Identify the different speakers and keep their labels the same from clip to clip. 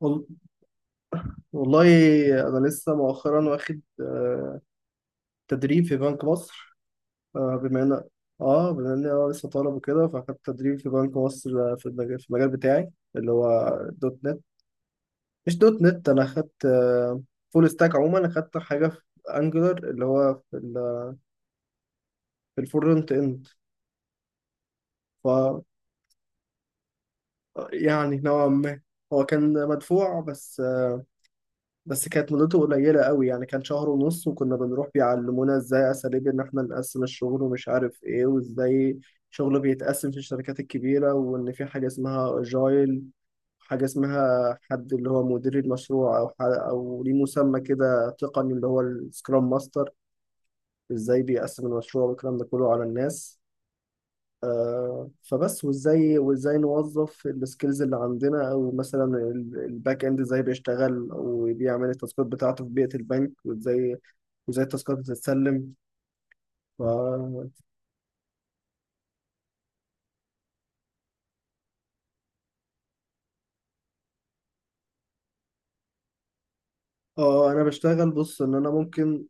Speaker 1: وال- والله أنا لسه مؤخرا واخد تدريب في بنك مصر. آه، بما إن بما إن أنا لسه طالب وكده فأخدت تدريب في بنك مصر، في المجال بتاعي اللي هو دوت نت. مش دوت نت، أنا أخدت فول ستاك. عموما أخدت حاجة في أنجلر اللي هو في في الفرونت إند. ف يعني نوعا ما هو كان مدفوع، بس كانت مدته قليلة قوي. يعني كان شهر ونص، وكنا بنروح بيعلمونا ازاي اساليب ان احنا نقسم الشغل ومش عارف ايه، وازاي شغله بيتقسم في الشركات الكبيرة، وان في حاجة اسمها اجايل. حاجة اسمها حد اللي هو مدير المشروع، او ليه مسمى كده تقني اللي هو السكرام ماستر. ازاي بيقسم المشروع والكلام ده كله على الناس. فبس، وازاي نوظف السكيلز اللي عندنا، او مثلا الباك اند ازاي بيشتغل وبيعمل التاسكات بتاعته في بيئة البنك، وازاي التاسكات بتتسلم. ف... اه، انا بشتغل. بص ان انا ممكن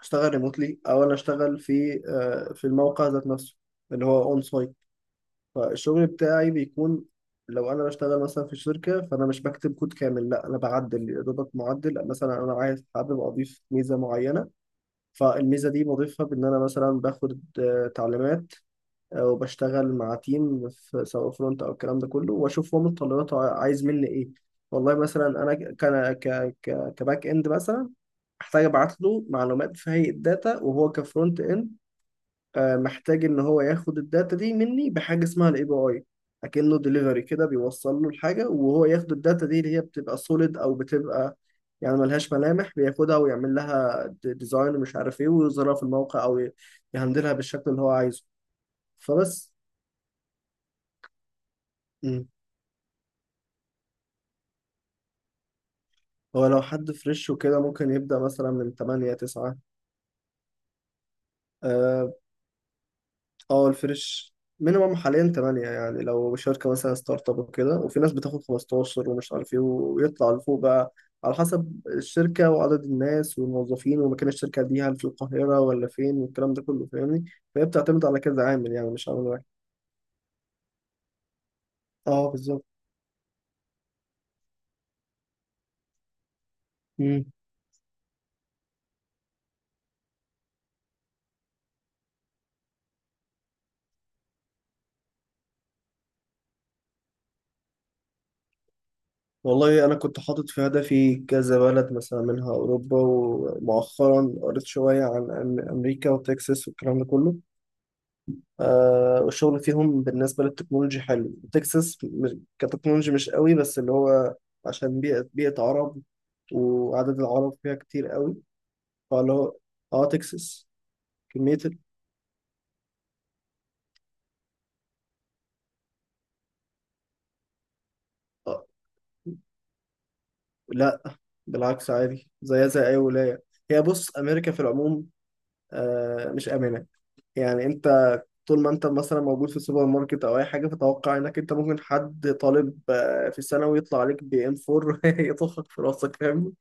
Speaker 1: اشتغل ريموتلي، او انا اشتغل في الموقع ذات نفسه اللي هو اون سايت. فالشغل بتاعي بيكون، لو انا بشتغل مثلا في شركه فانا مش بكتب كود كامل. لا، انا بعدل يا دوبك، معدل مثلا. انا عايز حابب اضيف ميزه معينه، فالميزة دي بضيفها بإن أنا مثلا باخد تعليمات، وبشتغل مع تيم في سواء فرونت أو الكلام ده كله، وأشوف هو متطلباته عايز مني إيه. والله مثلا أنا ك ك ك كباك إند مثلا، أحتاج أبعت له معلومات في هيئة داتا. وهو كفرونت إند محتاج ان هو ياخد الداتا دي مني بحاجه اسمها الاي بي اي. اكنه ديليفري كده بيوصل له الحاجه، وهو ياخد الداتا دي اللي هي بتبقى سوليد او بتبقى يعني ملهاش ملامح، بياخدها ويعمل لها ديزاين ومش عارف ايه، ويظهرها في الموقع او يهندلها بالشكل اللي هو عايزه. فبس. مم. هو لو حد فريش وكده ممكن يبدأ مثلا من 8 9. اه، الفريش مينيمم حاليا 8. يعني لو شركة مثلا ستارت اب وكده، وفي ناس بتاخد 15 ومش عارف ايه، ويطلع لفوق بقى على حسب الشركة وعدد الناس والموظفين ومكان الشركة دي، هل في القاهرة ولا فين والكلام ده كله، فاهمني؟ فهي بتعتمد على كذا عامل، يعني مش عامل واحد. اه، بالظبط. مم. والله انا كنت حاطط في هدفي كذا بلد، مثلا منها اوروبا، ومؤخرا قريت شوية عن امريكا وتكساس والكلام ده كله. والشغل فيهم بالنسبة للتكنولوجي حلو. تكساس كتكنولوجي مش قوي، بس اللي هو عشان بيئة عرب، وعدد العرب فيها كتير قوي. فاللي هو، اه تكساس، كمية آه لا، بالعكس، عادي زيها زي أي ولاية. هي، بص، أمريكا في العموم مش آمنة. يعني أنت طول ما أنت مثلا موجود في سوبر ماركت أو أي حاجة، فتوقع إنك أنت ممكن حد طالب في ثانوي يطلع عليك بي إم 4 يطخك في راسك، فاهم؟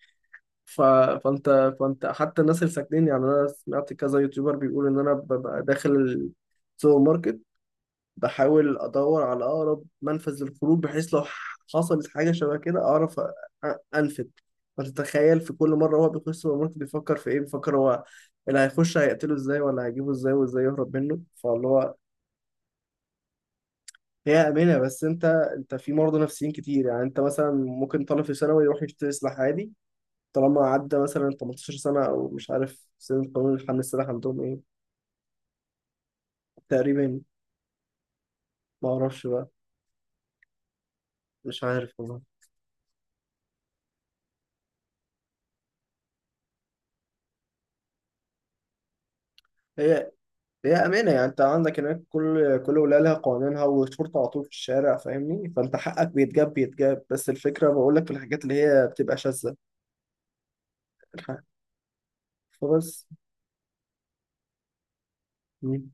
Speaker 1: ف... فانت فانت حتى الناس اللي ساكنين، يعني انا سمعت كذا يوتيوبر بيقول ان انا ببقى داخل السوبر ماركت، بحاول ادور على اقرب منفذ للخروج، بحيث لو حصلت حاجه شبه كده اعرف انفذ. فتتخيل في كل مره هو بيخش السوبر ماركت بيفكر في ايه، بيفكر هو اللي هيخش هيقتله ازاي ولا هيجيبه ازاي، وازاي يهرب منه، فاللي هو. هي امنه، بس انت في مرضى نفسيين كتير. يعني انت مثلا ممكن طالب في ثانوي يروح يشتري سلاح عادي، طالما عدى مثلا 18 سنة، أو مش عارف سن قانون الحمل السلاح عندهم إيه. تقريبا، ما أعرفش بقى، مش عارف والله. هي هي أمانة، يعني أنت عندك هناك، كل ولاية لها قوانينها والشرطة على طول في الشارع، فاهمني؟ فأنت حقك بيتجاب، بس الفكرة، بقول لك في الحاجات اللي هي بتبقى شاذة. الحق. فبس. مم.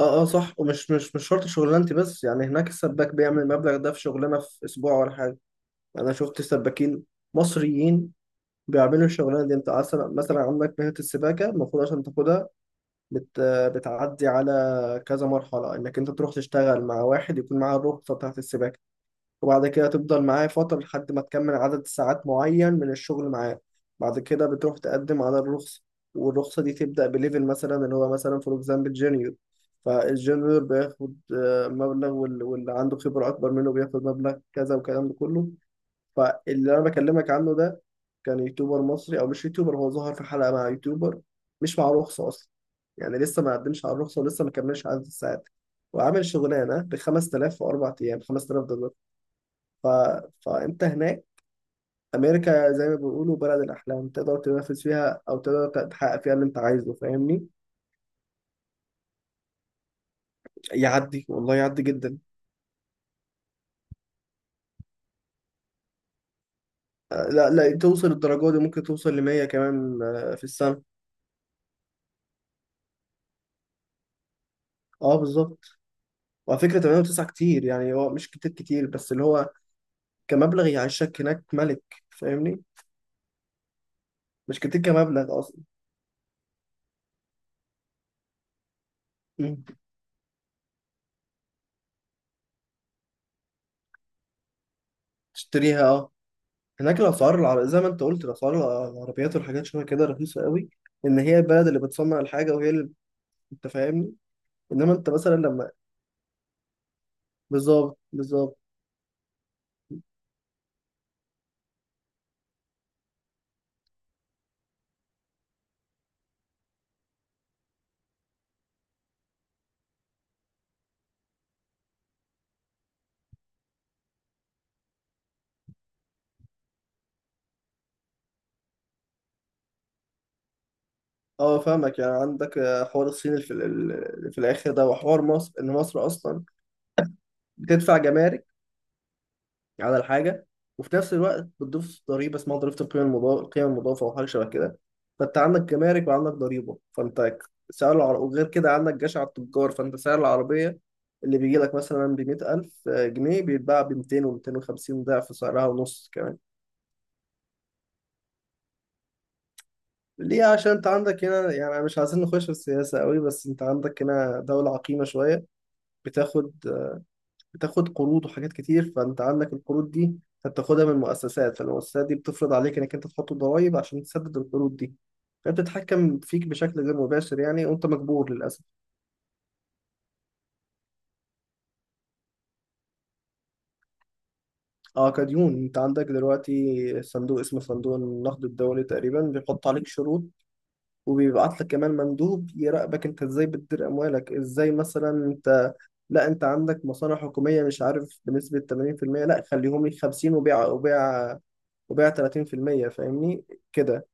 Speaker 1: اه، اه، صح. ومش مش مش شرط شغلانتي، بس يعني هناك السباك بيعمل المبلغ ده في شغلانة في أسبوع ولا حاجة. أنا شفت سباكين مصريين بيعملوا الشغلانه دي. انت اصلا مثلا عندك مهنه السباكه المفروض عشان تاخدها، بت... بتعدي على كذا مرحله، انك انت تروح تشتغل مع واحد يكون معاه الرخصه بتاعت السباكه، وبعد كده تفضل معاه فتره لحد ما تكمل عدد ساعات معين من الشغل معاه. بعد كده بتروح تقدم على الرخصه. والرخصه دي تبدا بليفل مثلا اللي هو مثلا فور اكزامبل جونيور. فالجونيور بياخد مبلغ، واللي عنده خبره اكبر منه بياخد مبلغ كذا والكلام ده كله. فاللي انا بكلمك عنه ده كان يوتيوبر مصري، او مش يوتيوبر، هو ظهر في حلقه مع يوتيوبر، مش مع رخصه اصلا. يعني لسه ما قدمش على الرخصه ولسه ما كملش عدد الساعات، وعامل شغلانه ب 5000 في 4 ايام، 5000 دولار. ف... فانت هناك، امريكا زي ما بيقولوا بلد الاحلام، تقدر تنافس فيها او تقدر تحقق فيها اللي انت عايزه، فاهمني؟ يعدي والله، يعدي جدا. لا لا، توصل الدرجه دي، ممكن توصل ل 100 كمان، في السنه. اه، بالظبط. وعلى فكره 8 و9 كتير، يعني هو مش كتير كتير، بس اللي هو كمبلغ يعيشك هناك ملك، فاهمني. مش كتير كمبلغ اصلا. مم. تشتريها اه. هناك الاسعار زي ما انت قلت، الاسعار العربيات والحاجات شبه كده رخيصه قوي. ان هي البلد اللي بتصنع الحاجه وهي اللي انت، فاهمني؟ انما انت مثلا لما. بالظبط، بالظبط. اه فاهمك. يعني عندك حوار الصين اللي في الاخر ده، وحوار مصر ان مصر اصلا بتدفع جمارك على الحاجة، وفي نفس الوقت بتضيف ضريبة اسمها ضريبة القيمة المضافة أو حاجة شبه كده. فأنت عندك جمارك وعندك ضريبة، فأنت سعر العربية، وغير كده عندك جشع التجار، فأنت سعر العربية اللي بيجي لك مثلا ب 100000 جنيه بيتباع ب 200 و 250 ضعف سعرها ونص كمان. ليه؟ عشان انت عندك هنا، يعني مش عايزين نخش في السياسة قوي، بس انت عندك هنا دولة عقيمة شوية، بتاخد بتاخد قروض وحاجات كتير. فانت عندك القروض دي هتاخدها من المؤسسات، فالمؤسسات دي بتفرض عليك انك انت تحط الضرايب عشان تسدد القروض دي، فبتتحكم فيك بشكل غير مباشر، يعني وانت مجبور للاسف. اه، كديون. انت عندك دلوقتي صندوق اسمه صندوق النقد الدولي، تقريبا بيحط عليك شروط وبيبعت لك كمان مندوب يراقبك انت ازاي بتدير اموالك، ازاي مثلا انت. لا، انت عندك مصالح حكوميه مش عارف بنسبه 80%، لا خليهم لي 50، وبيع وبيع وبيع 30%، فاهمني كده.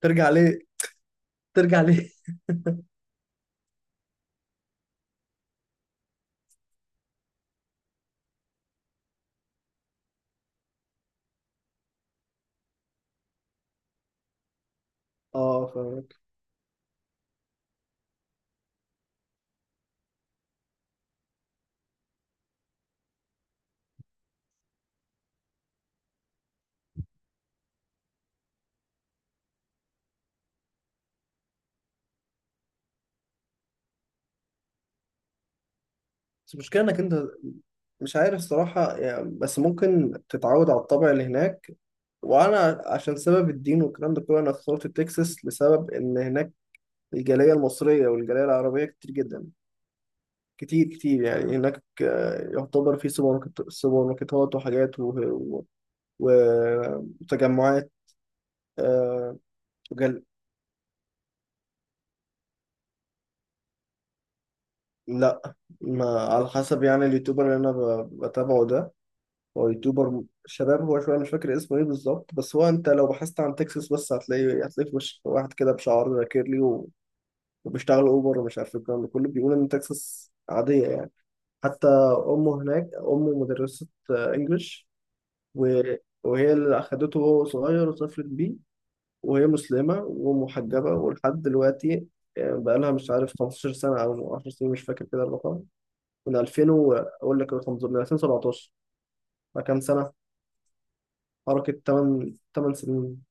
Speaker 1: ترجع ليه؟ ترجع ليه؟ اه فاهمك. بس المشكله انك انت مش عارف صراحه، يعني بس ممكن تتعود على الطبع اللي هناك. وانا عشان سبب الدين والكلام ده كله انا اخترت تكساس، لسبب ان هناك الجاليه المصريه والجاليه العربيه كتير جدا، كتير كتير. يعني هناك يعتبر في سوبر ماركتات وحاجات وتجمعات. آه، وجل... لا. ما على حسب، يعني اليوتيوبر اللي انا بتابعه ده، هو يوتيوبر شباب، هو شويه مش فاكر اسمه ايه بالظبط. بس هو انت لو بحثت عن تكساس بس هتلاقي، في وش واحد كده بشعر كيرلي وبيشتغل اوبر ومش عارف الكلام ده كله، بيقول ان تكساس عاديه يعني. حتى امه هناك، امه مدرسه انجلش، و- وهي اللي اخدته وهو صغير وسافرت بيه. وهي مسلمه ومحجبه ولحد دلوقتي بقالها مش عارف 15 سنه او 10 سنين، مش فاكر كده الرقم. من 2000 اقول لك الرقم بالظبط، من 2017. فكام سنه حركه؟ 8 سنين.